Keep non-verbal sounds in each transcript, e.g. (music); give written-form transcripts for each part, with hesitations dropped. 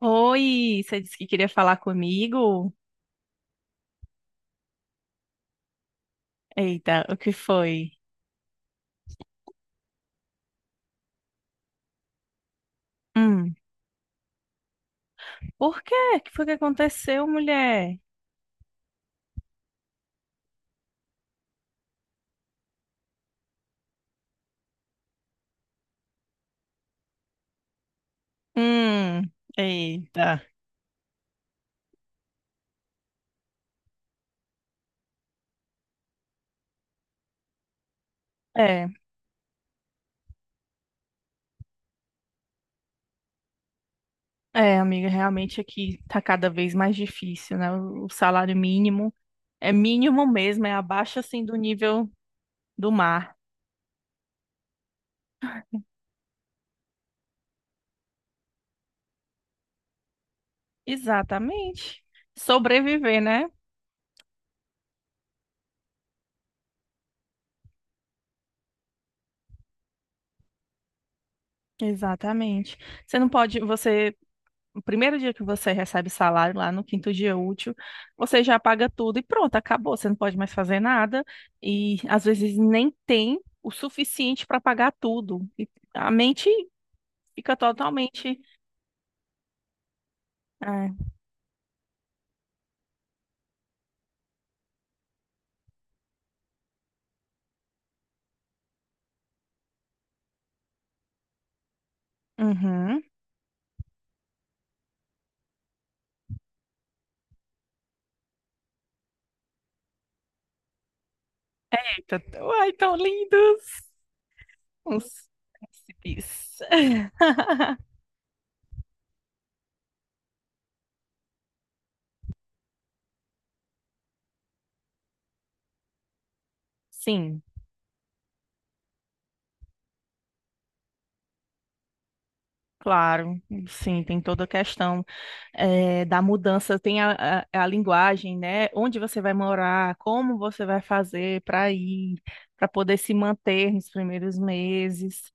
Oi, você disse que queria falar comigo? Eita, o que foi? Hum, por quê? O que foi que aconteceu, mulher? Hum, eita. É, é, amiga, realmente aqui tá cada vez mais difícil, né? O salário mínimo é mínimo mesmo, é abaixo assim do nível do mar. Exatamente. Sobreviver, né? Exatamente. Você não pode, você no primeiro dia que você recebe salário, lá no quinto dia útil, você já paga tudo e pronto, acabou. Você não pode mais fazer nada e às vezes nem tem o suficiente para pagar tudo. E a mente fica totalmente. Ah, uhum. Eita, ai, tão lindos! Uns príncipes. (laughs) Sim. Claro, sim, tem toda a questão da mudança, tem a linguagem, né? Onde você vai morar, como você vai fazer para ir, para poder se manter nos primeiros meses.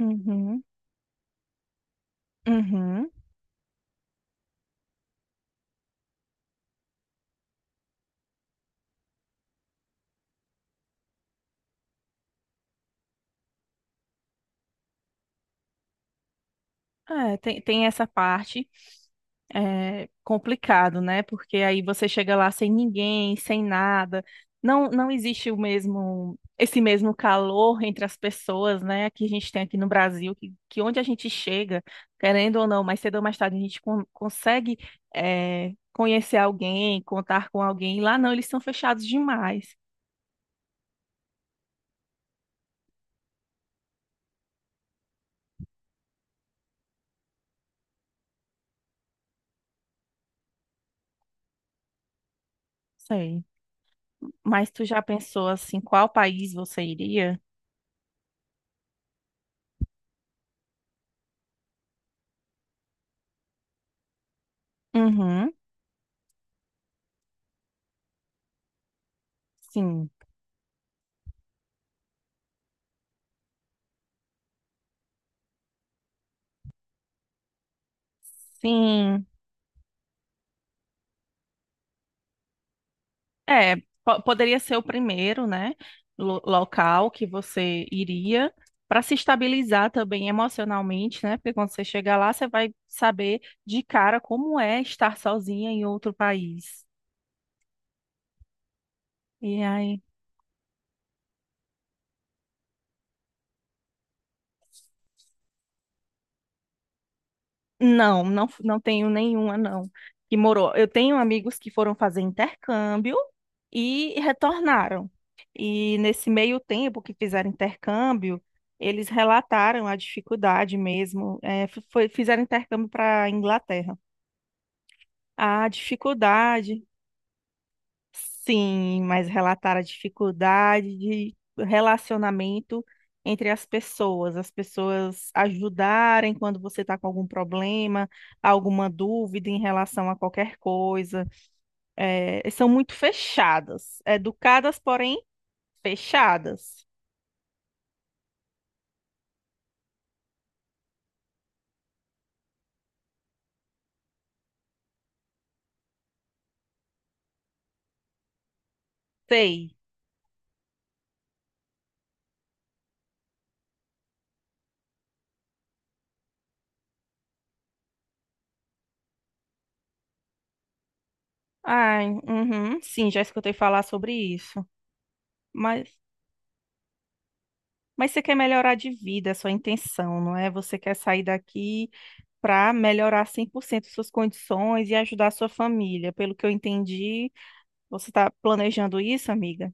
Uhum, uhum. É, tem essa parte. É complicado, né? Porque aí você chega lá sem ninguém, sem nada. Não, não existe o mesmo, esse mesmo calor entre as pessoas, né? Que a gente tem aqui no Brasil, que onde a gente chega, querendo ou não, mais cedo ou mais tarde, a gente consegue, é, conhecer alguém, contar com alguém. Lá não, eles são fechados demais. Sei. Mas tu já pensou assim, qual país você iria? Uhum. Sim. Sim. É, poderia ser o primeiro, né, local que você iria para se estabilizar também emocionalmente, né? Porque quando você chegar lá, você vai saber de cara como é estar sozinha em outro país. E aí não tenho nenhuma, não, que morou. Eu tenho amigos que foram fazer intercâmbio e retornaram. E nesse meio tempo que fizeram intercâmbio, eles relataram a dificuldade mesmo. Fizeram intercâmbio para a Inglaterra. A dificuldade sim, mas relatar a dificuldade de relacionamento entre as pessoas ajudarem quando você está com algum problema, alguma dúvida em relação a qualquer coisa. É, são muito fechadas, educadas, porém fechadas. Sei. Ai, uhum, sim, já escutei falar sobre isso. Mas, mas você quer melhorar de vida, é sua intenção, não é? Você quer sair daqui, para melhorar 100% suas condições e ajudar a sua família. Pelo que eu entendi, você está planejando isso, amiga?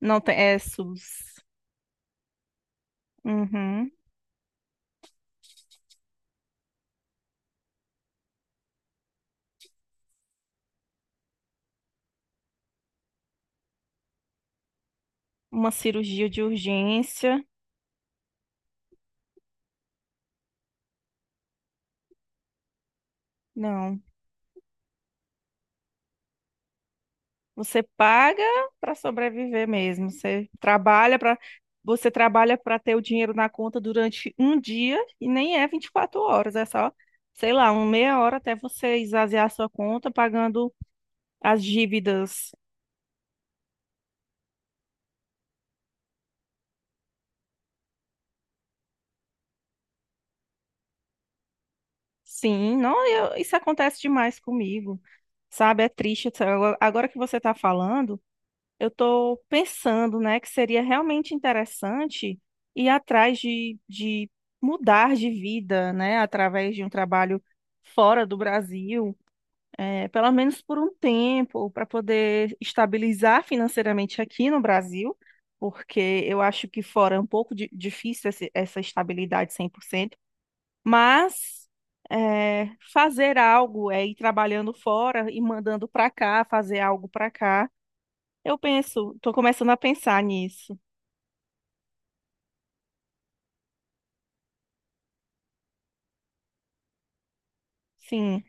Não tem, é SUS. Uhum. Uma cirurgia de urgência? Não. Você paga para sobreviver mesmo. Você trabalha para ter o dinheiro na conta durante um dia e nem é 24 horas, é só, sei lá, uma meia hora até você esvaziar a sua conta pagando as dívidas. Sim, não, isso acontece demais comigo, sabe? É triste, sabe? Agora que você está falando, eu estou pensando, né, que seria realmente interessante ir atrás de mudar de vida, né, através de um trabalho fora do Brasil, pelo menos por um tempo, para poder estabilizar financeiramente aqui no Brasil, porque eu acho que fora é um pouco difícil essa estabilidade 100%, mas é, fazer algo é ir trabalhando fora e mandando para cá, fazer algo para cá. Eu penso, estou começando a pensar nisso. Sim,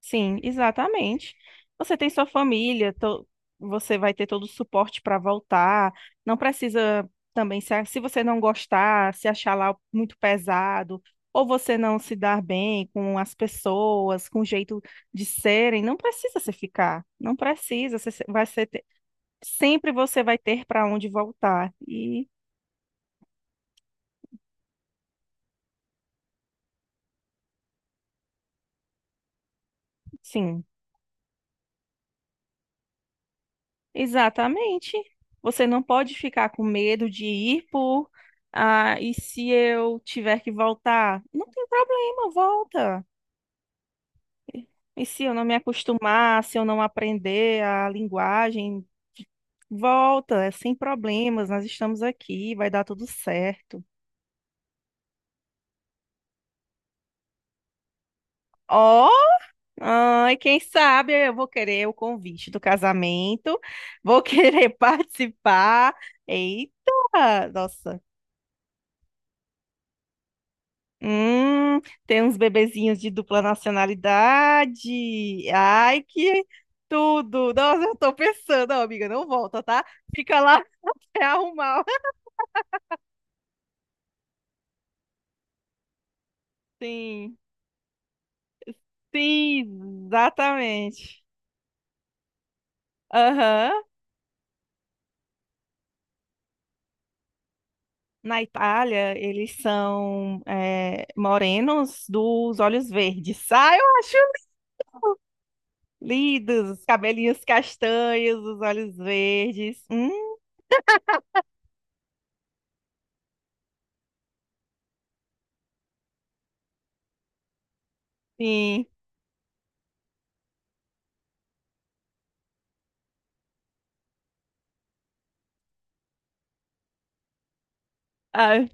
sim, exatamente. Você tem sua família, to- Você vai ter todo o suporte para voltar. Não precisa também, se você não gostar, se achar lá muito pesado, ou você não se dar bem com as pessoas, com o jeito de serem, não precisa se ficar. Não precisa, você se- vai ser sempre, você vai ter para onde voltar. E sim, exatamente. Você não pode ficar com medo de ir por, ah, e se eu tiver que voltar? Não tem problema, volta. E se eu não me acostumar, se eu não aprender a linguagem, volta, é sem problemas, nós estamos aqui, vai dar tudo certo. Ó, ai, quem sabe eu vou querer o convite do casamento, vou querer (laughs) participar. Eita, nossa. Hum, tem uns bebezinhos de dupla nacionalidade. Ai, que tudo. Nossa, eu tô pensando, ó, amiga, não volta, tá? Fica lá (laughs) até arrumar. Sim, sim, exatamente. Aham. Na Itália, eles são morenos dos olhos verdes. Ah, eu acho lindos, os cabelinhos castanhos, os olhos verdes. Sim. Ah,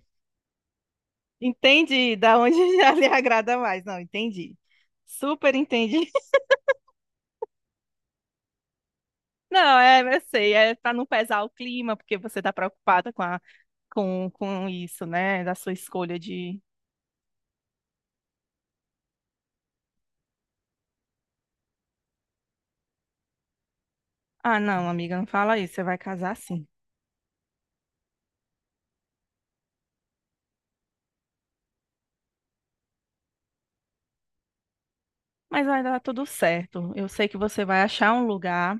entendi da onde (laughs) já lhe agrada mais. Não, entendi. Super entendi. (laughs) Não, é, eu sei, é para não pesar o clima, porque você tá preocupada com com isso, né? Da sua escolha de. Ah, não, amiga, não fala isso, você vai casar sim. Mas vai dar tudo certo. Eu sei que você vai achar um lugar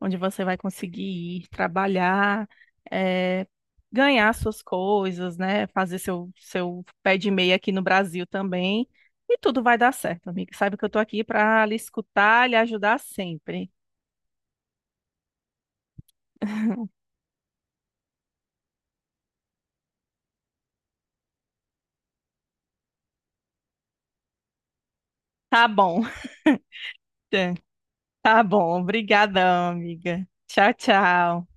onde você vai conseguir ir trabalhar, eh, ganhar suas coisas, né? Fazer seu pé de meia aqui no Brasil também. E tudo vai dar certo, amiga. Sabe que eu tô aqui para lhe escutar e lhe ajudar sempre. Tá bom. (laughs) Tá bom. Obrigadão, amiga. Tchau, tchau.